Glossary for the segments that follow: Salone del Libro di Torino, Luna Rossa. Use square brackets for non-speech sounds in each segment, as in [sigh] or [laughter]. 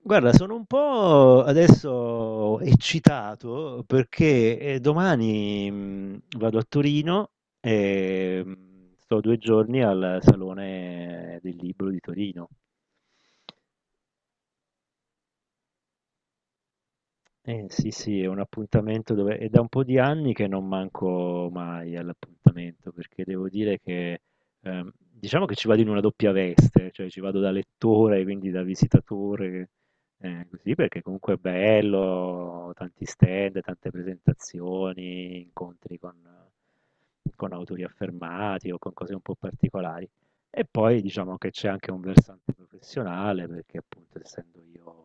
Guarda, sono un po' adesso eccitato perché domani vado a Torino e sto 2 giorni al Salone del Libro di Torino. Eh sì, sì, è un appuntamento dove è da un po' di anni che non manco mai all'appuntamento, perché devo dire che diciamo che ci vado in una doppia veste, cioè ci vado da lettore, quindi da visitatore, così perché comunque è bello, tanti stand, tante presentazioni, incontri con autori affermati o con cose un po' particolari. E poi diciamo che c'è anche un versante professionale, perché appunto essendo io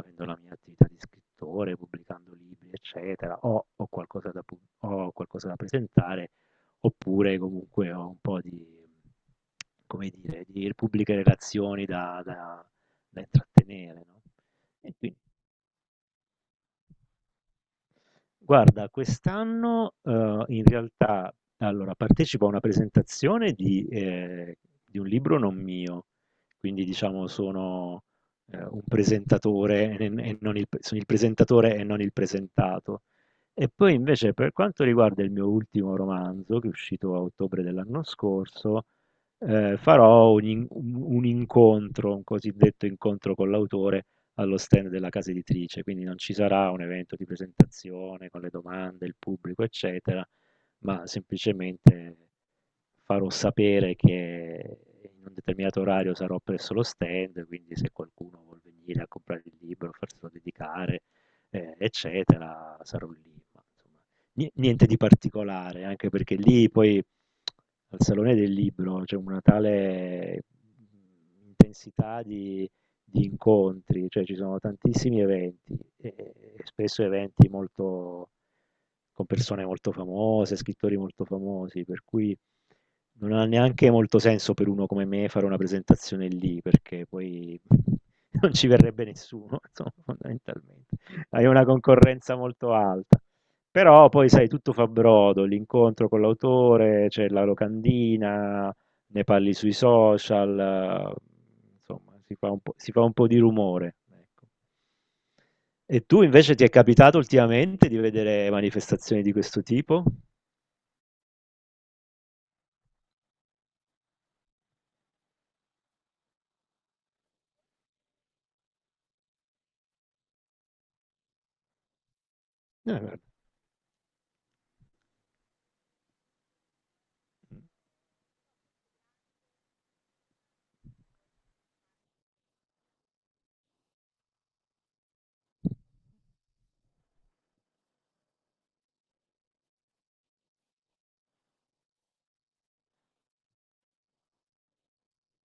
Avendo la mia attività di scrittore, pubblicando libri, eccetera, ho qualcosa da pu ho qualcosa da presentare, oppure comunque ho un po' di, come dire, di pubbliche relazioni da intrattenere, no, e quin guarda, quest'anno, in realtà allora partecipo a una presentazione di un libro non mio, quindi diciamo un presentatore e n e non il p sono il presentatore e non il presentato. E poi invece per quanto riguarda il mio ultimo romanzo, che è uscito a ottobre dell'anno scorso, farò un incontro, un cosiddetto incontro con l'autore allo stand della casa editrice, quindi non ci sarà un evento di presentazione con le domande, il pubblico, eccetera, ma semplicemente farò sapere che in un determinato orario sarò presso lo stand, quindi se qualcuno vuol venire a comprare il libro, farselo dedicare, eccetera, sarò lì. Ma, insomma, niente di particolare, anche perché lì poi al Salone del Libro c'è una tale intensità di incontri, cioè ci sono tantissimi eventi, e spesso eventi molto con persone molto famose, scrittori molto famosi, per cui non ha neanche molto senso per uno come me fare una presentazione lì, perché poi [laughs] non ci verrebbe nessuno, [laughs] insomma, fondamentalmente. Hai una concorrenza molto alta. Però poi sai, tutto fa brodo, l'incontro con l'autore, c'è la locandina, ne parli sui social, insomma, si fa un po' di rumore. Ecco. E tu invece ti è capitato ultimamente di vedere manifestazioni di questo tipo? Guarda.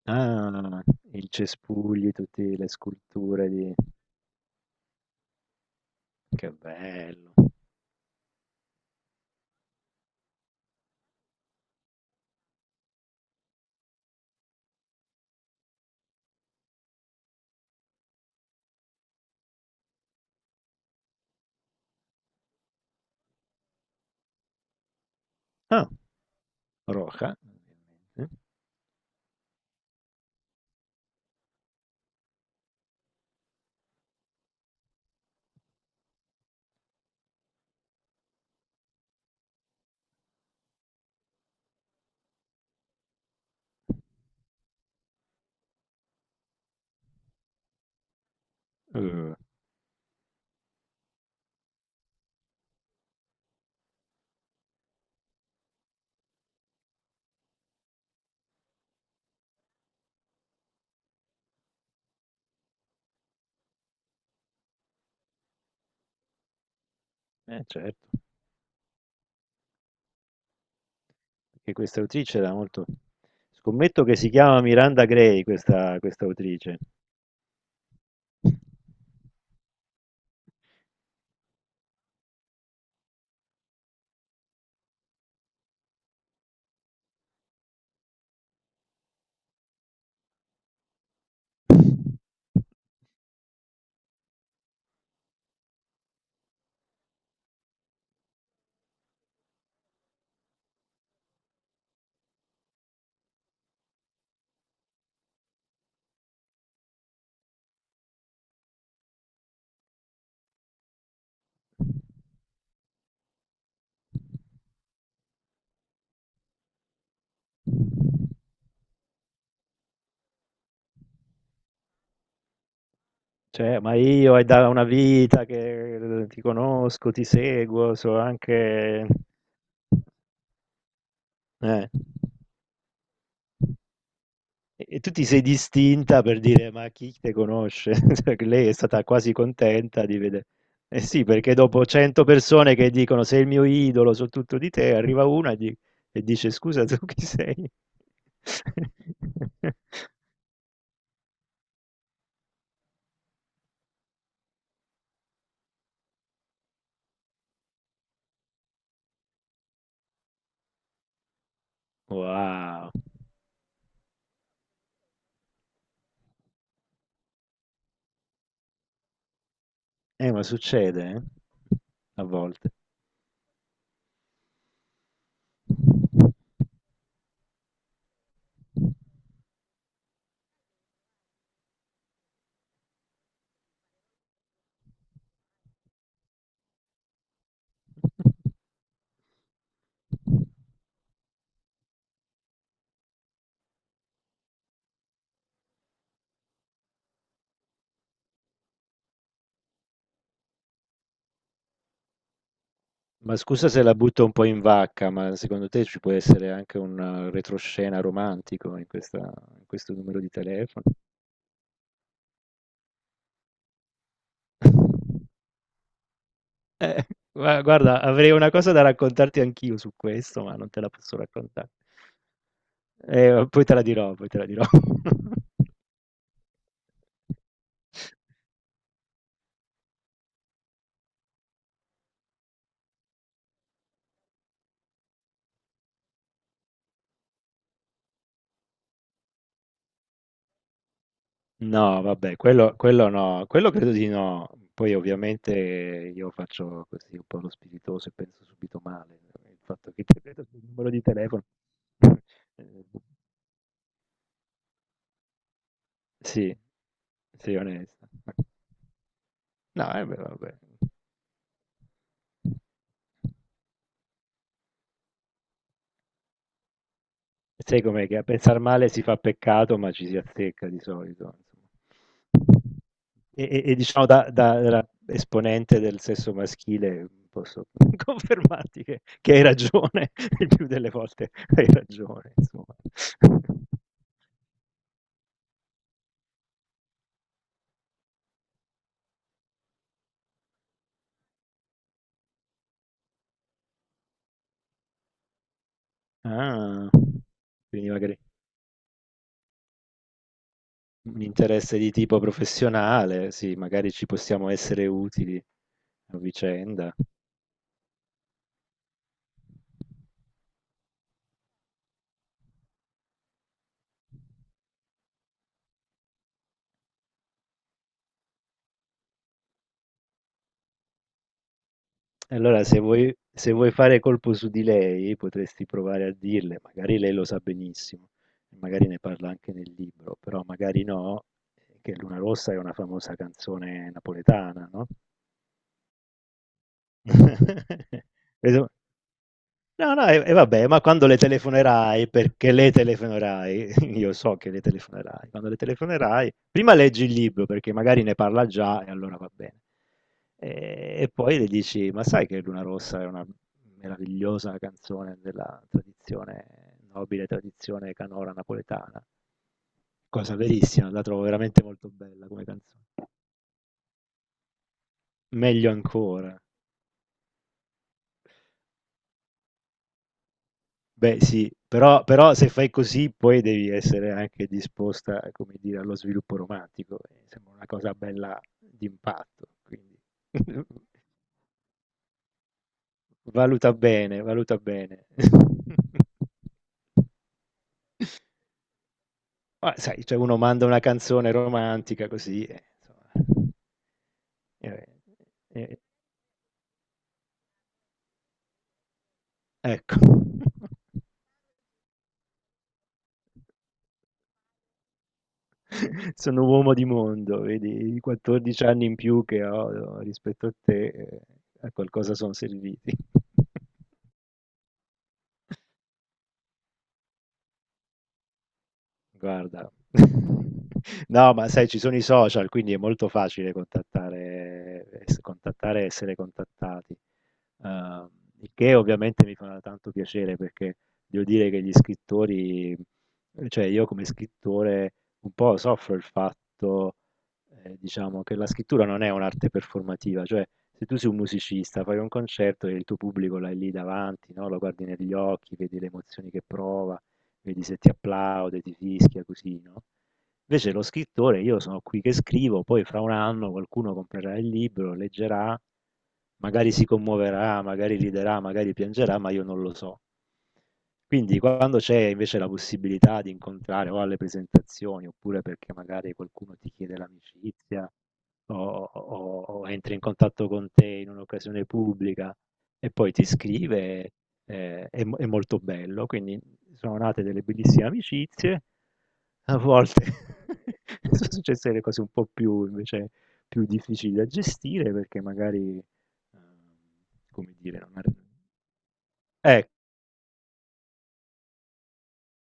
Ah, il cespugli, tutte le sculture di. Che bello. Ah, Roja, ovviamente. Eh, certo, perché questa autrice era molto. Scommetto che si chiama Miranda Gray, questa autrice. Cioè, ma io è da una vita che ti conosco, ti seguo, so anche eh. E tu ti sei distinta per dire: "Ma chi te conosce?" [laughs] Cioè, che lei è stata quasi contenta di vede eh sì, perché dopo 100 persone che dicono: "Sei il mio idolo, so tutto di te", arriva una e dice: "Scusa, tu chi sei?" [laughs] Wow. Ma succede, a volte. Ma scusa se la butto un po' in vacca, ma secondo te ci può essere anche un retroscena romantico in in questo numero di telefono? Eh, guarda, avrei una cosa da raccontarti anch'io su questo, ma non te la posso raccontare. Poi te la dirò, poi te la dirò. [laughs] No, vabbè, quello no, quello credo di no. Poi ovviamente io faccio così un po' lo spiritoso e penso subito male. Il fatto che ti vedo sul numero di telefono. [laughs] Eh, sì, sì, onesto. No, beh, vabbè. Sai com'è che a pensar male si fa peccato, ma ci si azzecca di solito. Insomma. E diciamo da esponente del sesso maschile posso [laughs] confermarti che hai ragione, [laughs] il più delle volte hai ragione, insomma. [laughs] Ah, quindi magari un interesse di tipo professionale, sì, magari ci possiamo essere utili a vicenda. Allora, se vuoi, fare colpo su di lei, potresti provare a dirle, magari lei lo sa benissimo, magari ne parla anche nel libro, però magari no, che Luna Rossa è una famosa canzone napoletana, no? [laughs] Questo No, no, e vabbè, ma quando le telefonerai, perché le telefonerai, [laughs] io so che le telefonerai, quando le telefonerai, prima leggi il libro perché magari ne parla già e allora va bene. E poi le dici, ma sai che Luna Rossa è una meravigliosa canzone della tradizione, nobile tradizione canora napoletana, cosa verissima, la trovo veramente molto bella come canzone. Meglio ancora. Beh sì, però, se fai così poi devi essere anche disposta, come dire, allo sviluppo romantico. Sembra una cosa bella d'impatto, quindi [laughs] valuta bene, valuta bene. [laughs] Ma sai, cioè uno manda una canzone romantica così, insomma, eh, eh, eh, ecco. [laughs] Sono uomo di mondo, vedi, i 14 anni in più che ho no, rispetto a te, a qualcosa sono serviti. [laughs] Guarda, [laughs] no, ma sai, ci sono i social, quindi è molto facile contattare e essere contattati. Ehm, il che ovviamente mi fa tanto piacere perché devo dire che gli scrittori, cioè io come scrittore un po' soffro il fatto, diciamo, che la scrittura non è un'arte performativa, cioè se tu sei un musicista, fai un concerto e il tuo pubblico l'hai lì davanti, no? Lo guardi negli occhi, vedi le emozioni che prova, vedi se ti applaude, ti fischia, così, no? Invece lo scrittore, io sono qui che scrivo, poi fra un anno qualcuno comprerà il libro, leggerà, magari si commuoverà, magari riderà, magari piangerà, ma io non lo so. Quindi quando c'è invece la possibilità di incontrare o alle presentazioni, oppure perché magari qualcuno ti chiede l'amicizia, o entri in contatto con te in un'occasione pubblica e poi ti scrive, è molto bello. Quindi sono nate delle bellissime amicizie, a volte [laughs] sono successe delle cose un po' più difficili da gestire perché magari, ehm, come dire, non ar e